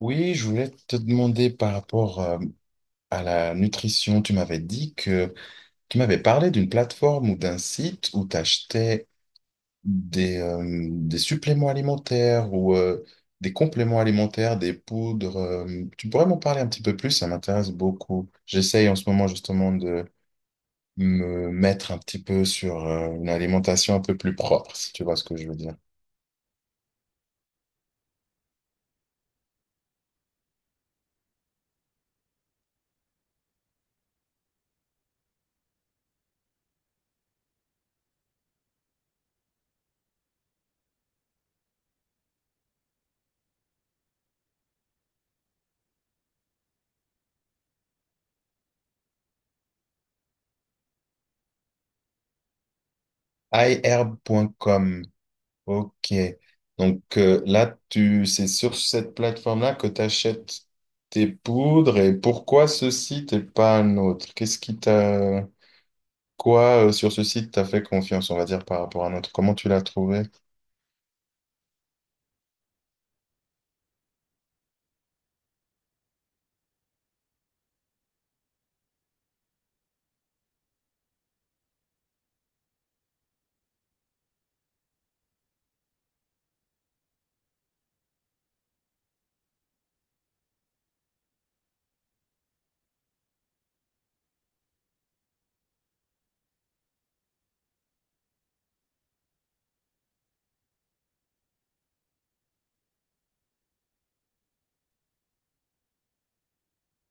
Oui, je voulais te demander par rapport à la nutrition. Tu m'avais dit que tu m'avais parlé d'une plateforme ou d'un site où tu achetais des, euh, des suppléments alimentaires ou des compléments alimentaires, des poudres. Tu pourrais m'en parler un petit peu plus, ça m'intéresse beaucoup. J'essaye en ce moment justement de me mettre un petit peu sur une alimentation un peu plus propre, si tu vois ce que je veux dire. iHerb.com. Ok. Donc, c'est sur cette plateforme-là que tu achètes tes poudres, et pourquoi ce site et pas un autre? Qu'est-ce qui t'a... sur ce site t'a fait confiance, on va dire, par rapport à un autre? Comment tu l'as trouvé?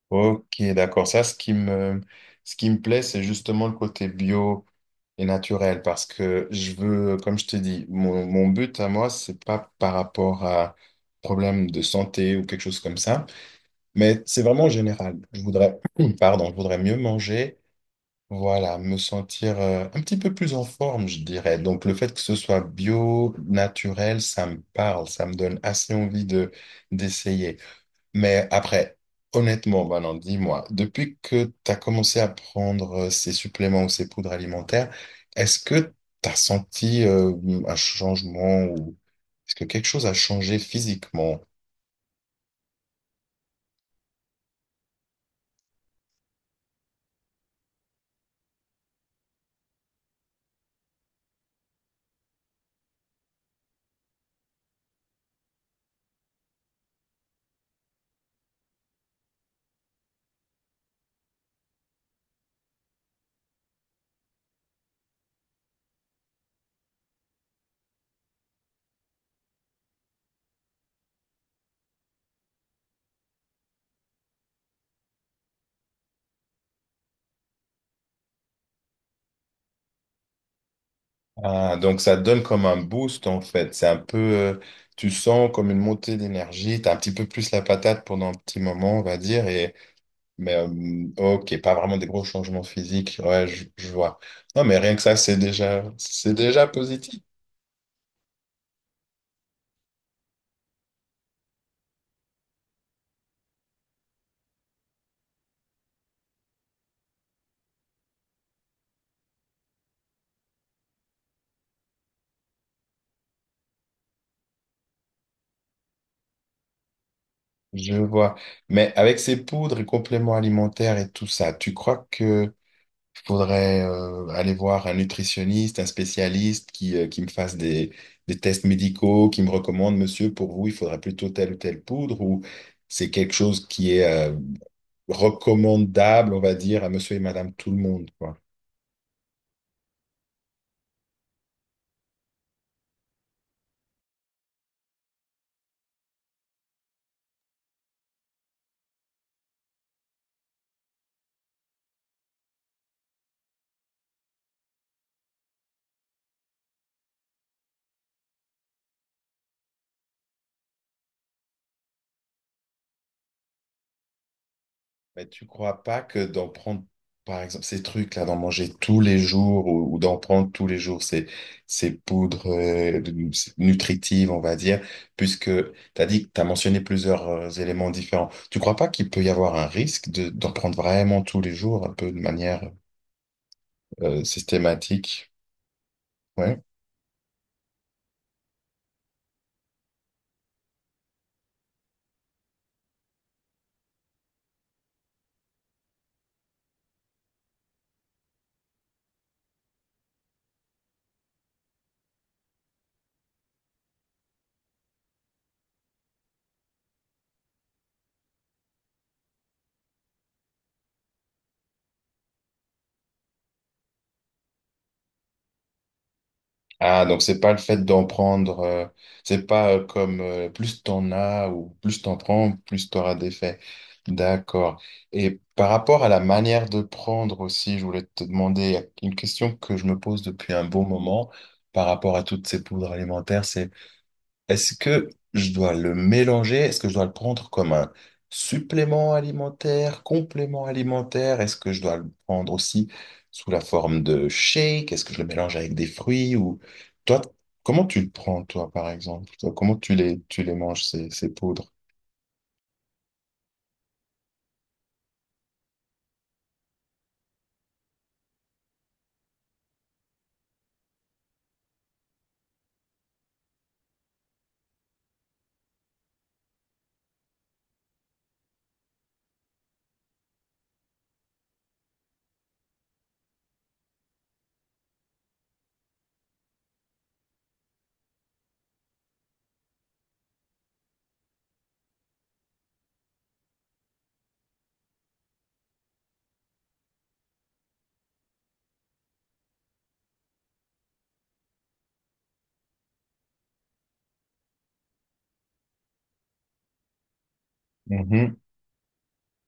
Ok, d'accord. Ça, ce qui me plaît, c'est justement le côté bio et naturel, parce que je veux, comme je te dis, mon but à moi, c'est pas par rapport à problème de santé ou quelque chose comme ça. Mais c'est vraiment général. Je voudrais, pardon, je voudrais mieux manger, voilà, me sentir un petit peu plus en forme, je dirais. Donc le fait que ce soit bio, naturel, ça me parle, ça me donne assez envie de d'essayer. Mais après, honnêtement, Manon, dis-moi, depuis que tu as commencé à prendre ces suppléments ou ces poudres alimentaires, est-ce que tu as senti un changement, ou est-ce que quelque chose a changé physiquement? Ah, donc ça donne comme un boost en fait. C'est un peu, tu sens comme une montée d'énergie. T'as un petit peu plus la patate pendant un petit moment, on va dire. Et mais, ok, pas vraiment des gros changements physiques. Ouais, je vois. Non, mais rien que ça, c'est déjà positif. Je vois. Mais avec ces poudres et compléments alimentaires et tout ça, tu crois que faudrait aller voir un nutritionniste, un spécialiste qui me fasse des tests médicaux, qui me recommande, monsieur, pour vous, il faudrait plutôt telle ou telle poudre, ou c'est quelque chose qui est recommandable, on va dire, à monsieur et madame tout le monde, quoi. Mais tu crois pas que d'en prendre, par exemple, ces trucs-là, d'en manger tous les jours, ou d'en prendre tous les jours ces poudres nutritives, on va dire, puisque tu as dit, tu as mentionné plusieurs éléments différents. Tu crois pas qu'il peut y avoir un risque de, d'en prendre vraiment tous les jours, un peu de manière systématique? Ouais. Ah, donc c'est pas le fait d'en prendre, c'est pas comme, plus t'en as ou plus t'en prends, plus t'auras d'effets. D'accord. Et par rapport à la manière de prendre aussi, je voulais te demander une question que je me pose depuis un bon moment par rapport à toutes ces poudres alimentaires, c'est est-ce que je dois le mélanger? Est-ce que je dois le prendre comme un supplément alimentaire, complément alimentaire? Est-ce que je dois le prendre aussi sous la forme de shake? Est-ce que je le mélange avec des fruits? Ou toi, comment tu le prends, toi, par exemple? Toi, comment tu les, manges, ces poudres?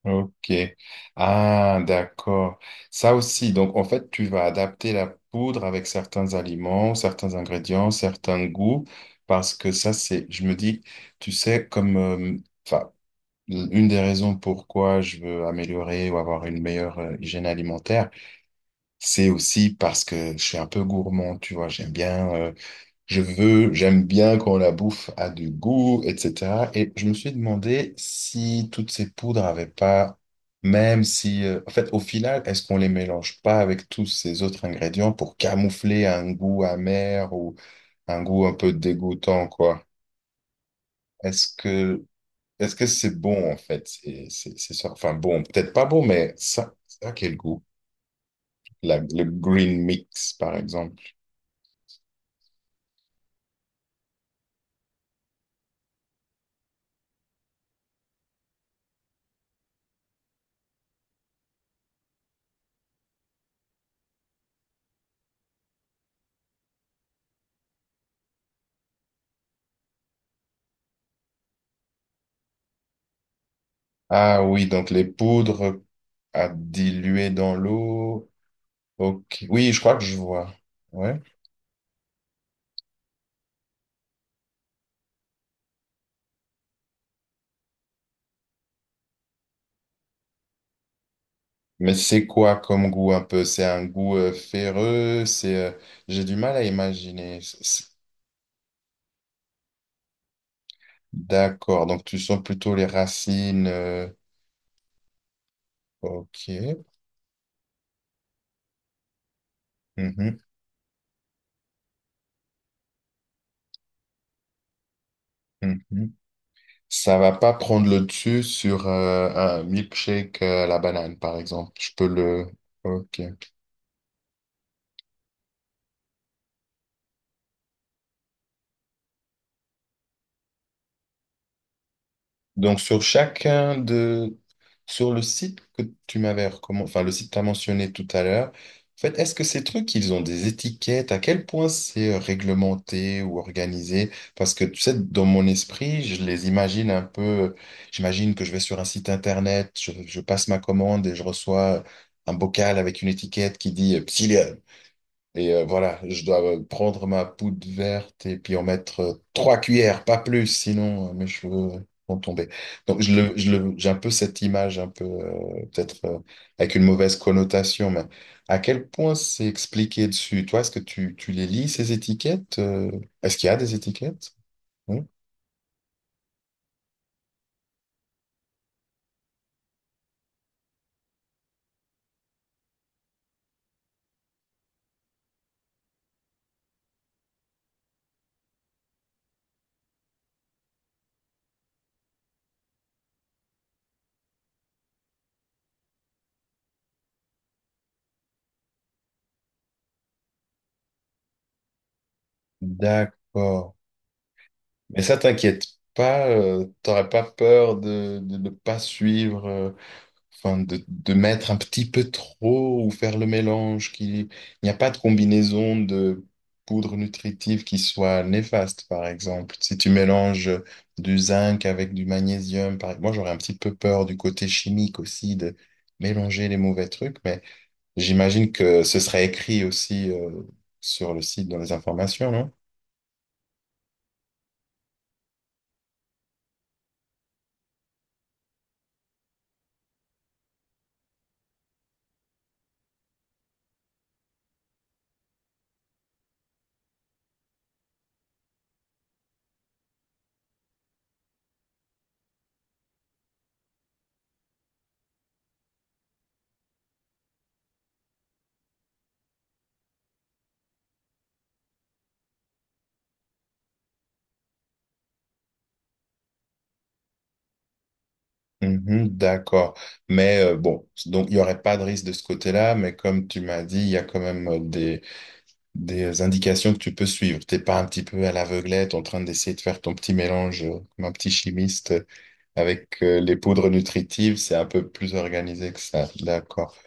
Ok. Ah, d'accord. Ça aussi, donc en fait, tu vas adapter la poudre avec certains aliments, certains ingrédients, certains goûts, parce que ça, c'est, je me dis, tu sais, comme, enfin, une des raisons pourquoi je veux améliorer ou avoir une meilleure hygiène alimentaire, c'est aussi parce que je suis un peu gourmand, tu vois, j'aime bien. J'aime bien quand la bouffe a du goût, etc. Et je me suis demandé si toutes ces poudres avaient pas, même si, en fait, au final, est-ce qu'on les mélange pas avec tous ces autres ingrédients pour camoufler un goût amer ou un goût un peu dégoûtant, quoi? Est-ce que, est-ce que c'est bon, en fait? C'est ça. Enfin, bon, peut-être pas bon, mais ça a quel goût? Le green mix, par exemple. Ah oui, donc les poudres à diluer dans l'eau. Ok. Oui, je crois que je vois. Ouais. Mais c'est quoi comme goût un peu? C'est un goût ferreux, c'est j'ai du mal à imaginer. D'accord. Donc tu sens plutôt les racines. Ok. Mhm, mhm. Ça va pas prendre le dessus sur un milkshake à la banane, par exemple. Je peux le. Ok. Donc, sur chacun de... Sur le site que tu m'avais recommandé, enfin, le site que tu as mentionné tout à l'heure, en fait, est-ce que ces trucs, ils ont des étiquettes? À quel point c'est réglementé ou organisé? Parce que, tu sais, dans mon esprit, je les imagine un peu... J'imagine que je vais sur un site internet, je passe ma commande et je reçois un bocal avec une étiquette qui dit euh, voilà, je dois prendre ma poudre verte et puis en mettre trois cuillères, pas plus, sinon mes cheveux vont tomber. Donc j'ai un peu cette image, un peu peut-être, avec une mauvaise connotation, mais à quel point c'est expliqué dessus? Toi, est-ce que tu les lis, ces étiquettes? Est-ce qu'il y a des étiquettes? Non. D'accord. Mais ça t'inquiète pas, t'aurais pas peur de ne pas suivre. Enfin, de mettre un petit peu trop ou faire le mélange, il n'y a pas de combinaison de poudre nutritive qui soit néfaste, par exemple. Si tu mélanges du zinc avec du magnésium, par... moi j'aurais un petit peu peur du côté chimique aussi, de mélanger les mauvais trucs, mais j'imagine que ce serait écrit aussi sur le site dans les informations, non? Mhm, d'accord. Mais bon, donc il n'y aurait pas de risque de ce côté-là, mais comme tu m'as dit, il y a quand même des indications que tu peux suivre. T'es pas un petit peu à l'aveuglette en train d'essayer de faire ton petit mélange comme un petit chimiste avec les poudres nutritives. C'est un peu plus organisé que ça. D'accord.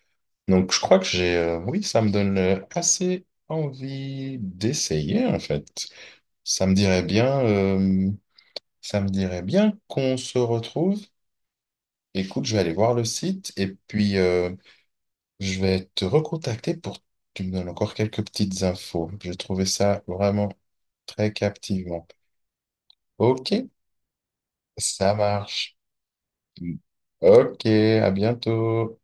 Donc, je crois que j'ai, oui, ça me donne assez envie d'essayer, en fait. Ça me dirait bien, euh, ça me dirait bien qu'on se retrouve. Écoute, je vais aller voir le site et puis, je vais te recontacter pour que tu me donnes encore quelques petites infos. J'ai trouvé ça vraiment très captivant. Ok, ça marche. Ok, à bientôt.